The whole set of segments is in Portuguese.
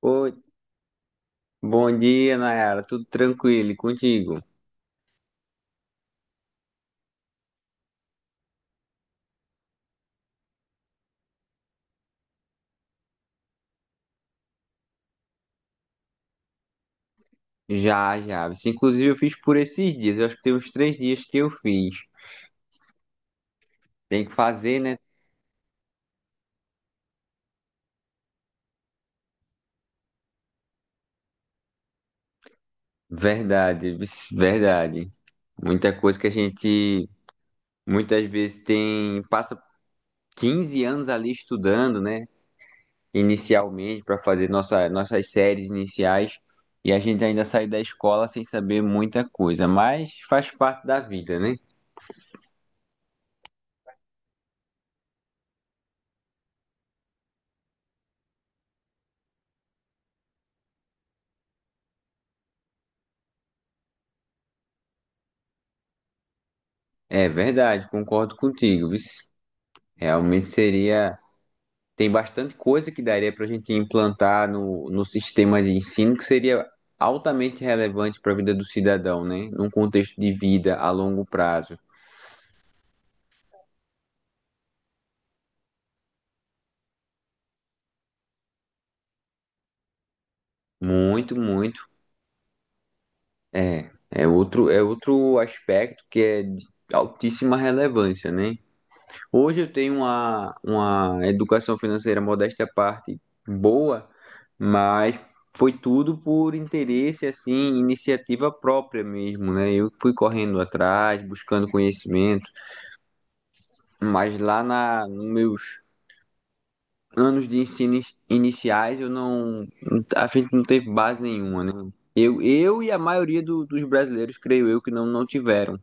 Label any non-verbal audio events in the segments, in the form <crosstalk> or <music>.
Oi, bom dia, Nayara. Tudo tranquilo e contigo? Já. Inclusive, eu fiz por esses dias. Eu acho que tem uns três dias que eu fiz. Tem que fazer, né? Verdade, vixe, verdade. Muita coisa que a gente muitas vezes tem, passa 15 anos ali estudando, né? Inicialmente, para fazer nossas séries iniciais. E a gente ainda sai da escola sem saber muita coisa. Mas faz parte da vida, né? É verdade, concordo contigo. Vixe. Realmente seria. Tem bastante coisa que daria para a gente implantar no sistema de ensino que seria altamente relevante para a vida do cidadão, né? Num contexto de vida a longo prazo. Muito, muito. É outro aspecto que é de altíssima relevância, né? Hoje eu tenho uma educação financeira modesta à parte boa, mas foi tudo por interesse, assim, iniciativa própria mesmo, né? Eu fui correndo atrás, buscando conhecimento. Mas lá na, nos meus anos de ensino iniciais, eu não, não- a gente não teve base nenhuma, né? Eu e a maioria dos brasileiros, creio eu, que não tiveram.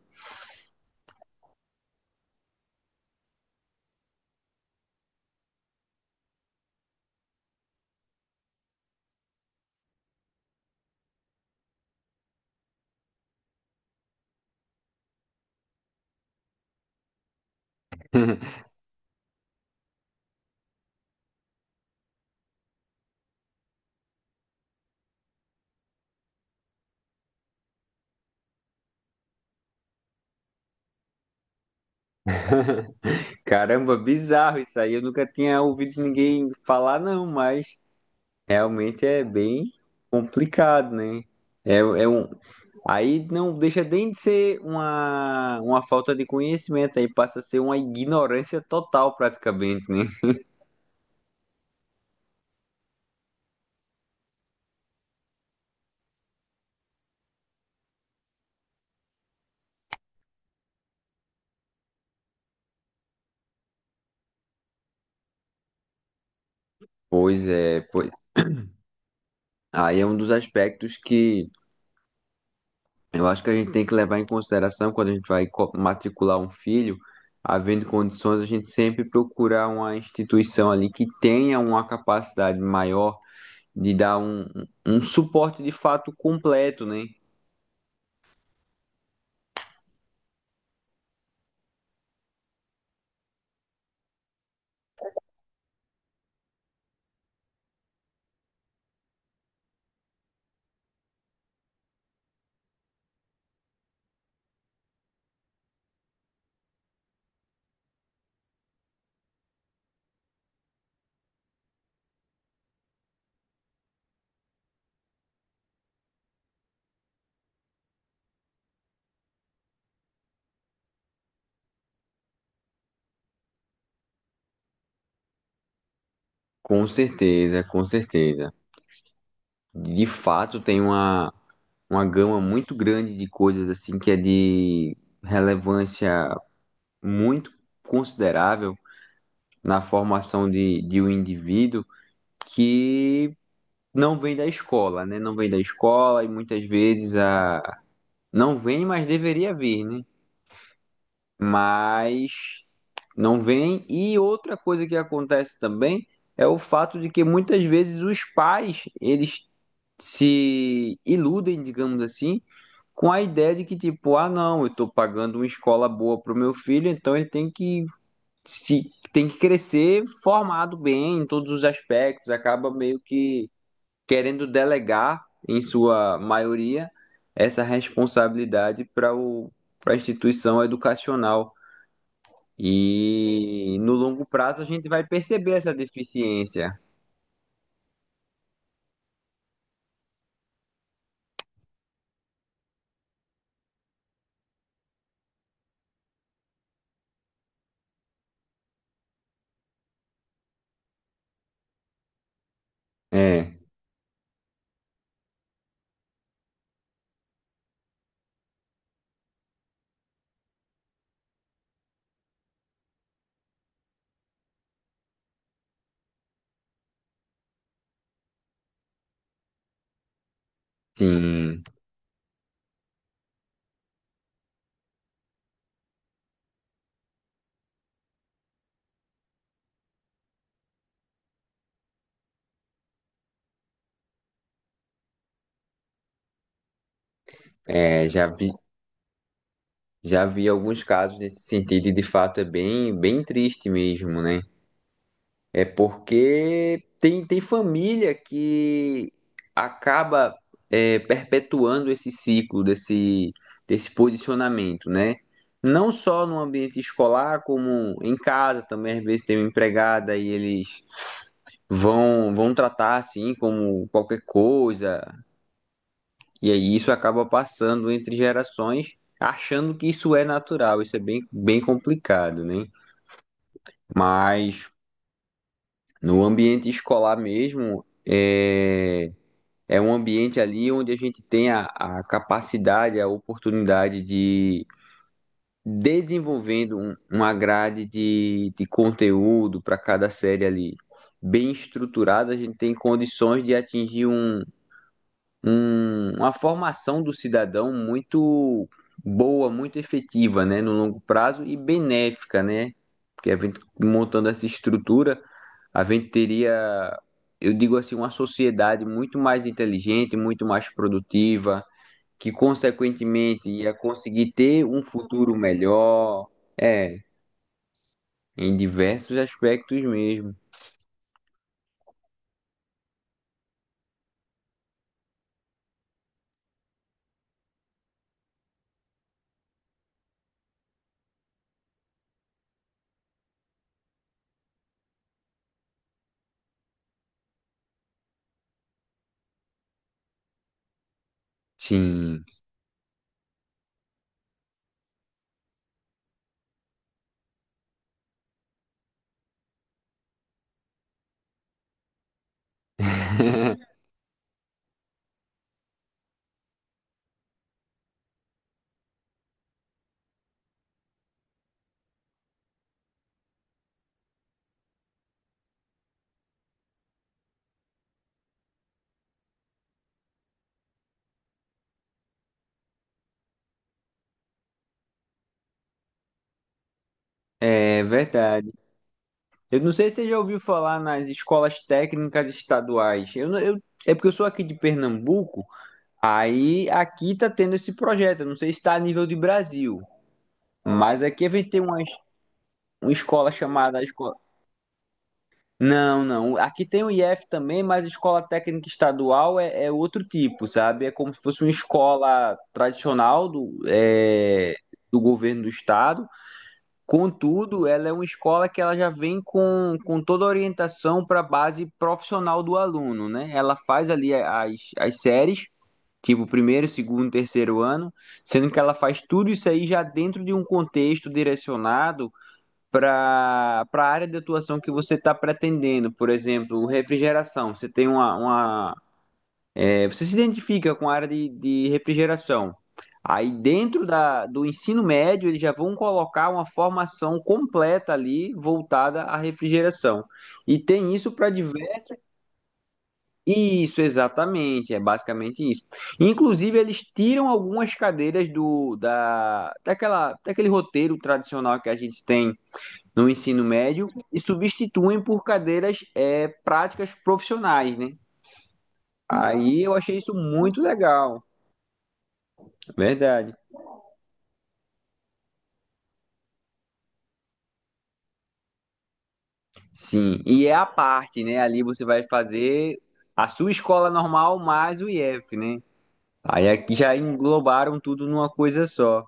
<laughs> Caramba, bizarro isso aí. Eu nunca tinha ouvido ninguém falar, não, mas realmente é bem complicado, né? É, é um... Aí não deixa nem de ser uma falta de conhecimento, aí passa a ser uma ignorância total, praticamente, né? Pois é, pois Aí é um dos aspectos que eu acho que a gente tem que levar em consideração quando a gente vai matricular um filho, havendo condições, a gente sempre procurar uma instituição ali que tenha uma capacidade maior de dar um suporte de fato completo, né? Com certeza, com certeza. De fato, tem uma gama muito grande de coisas assim que é de relevância muito considerável na formação de um indivíduo. Que não vem da escola, né? Não vem da escola e muitas vezes a não vem, mas deveria vir, né? Mas não vem. E outra coisa que acontece também é o fato de que muitas vezes os pais, eles se iludem, digamos assim, com a ideia de que tipo, ah, não, eu estou pagando uma escola boa para o meu filho, então ele tem que se tem que crescer formado bem em todos os aspectos, acaba meio que querendo delegar, em sua maioria, essa responsabilidade para a instituição educacional. E no longo prazo a gente vai perceber essa deficiência. É, sim, é, já vi alguns casos nesse sentido e de fato é bem, bem triste mesmo, né? É porque tem família que acaba é, perpetuando esse ciclo desse posicionamento, né? Não só no ambiente escolar, como em casa também, às vezes tem uma empregada e eles vão tratar assim como qualquer coisa. E aí isso acaba passando entre gerações, achando que isso é natural. Isso é bem, bem complicado, né? Mas no ambiente escolar mesmo, é É um ambiente ali onde a gente tem a capacidade, a oportunidade de desenvolvendo uma grade de conteúdo para cada série ali bem estruturada, a gente tem condições de atingir uma formação do cidadão muito boa, muito efetiva, né, no longo prazo e benéfica, né? Porque a gente montando essa estrutura, a gente teria, eu digo assim, uma sociedade muito mais inteligente, muito mais produtiva, que consequentemente ia conseguir ter um futuro melhor, é, em diversos aspectos mesmo. Sim. <laughs> É verdade. Eu não sei se você já ouviu falar nas escolas técnicas estaduais. Eu, não- eu- É porque eu sou aqui de Pernambuco, aí aqui tá tendo esse projeto. Eu não sei se está a nível de Brasil, mas aqui a gente tem uma escola chamada escola. Não, não. Aqui tem o IF também, mas escola técnica estadual é outro tipo, sabe? É como se fosse uma escola tradicional do governo do estado. Contudo, ela é uma escola que ela já vem com toda a orientação para a base profissional do aluno, né? Ela faz ali as séries, tipo primeiro, segundo, terceiro ano, sendo que ela faz tudo isso aí já dentro de um contexto direcionado para a área de atuação que você está pretendendo. Por exemplo, refrigeração. Você tem Você se identifica com a área de refrigeração. Aí dentro do ensino médio, eles já vão colocar uma formação completa ali voltada à refrigeração. E tem isso para diversos. Isso, exatamente, é basicamente isso. Inclusive, eles tiram algumas cadeiras daquele roteiro tradicional que a gente tem no ensino médio e substituem por cadeiras é, práticas profissionais, né? Aí eu achei isso muito legal. É verdade. Sim, e é a parte, né? Ali você vai fazer a sua escola normal mais o IF, né? Aí aqui já englobaram tudo numa coisa só.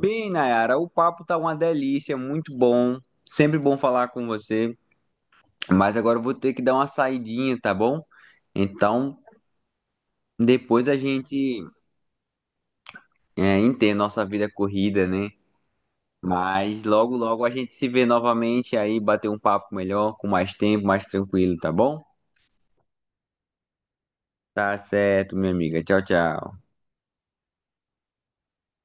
Bem, Nayara, o papo tá uma delícia, muito bom. Sempre bom falar com você, mas agora eu vou ter que dar uma saidinha, tá bom? Então, depois a gente é, entende nossa vida corrida, né? Mas logo, logo a gente se vê novamente aí, bater um papo melhor, com mais tempo, mais tranquilo, tá bom? Tá certo, minha amiga. Tchau, tchau.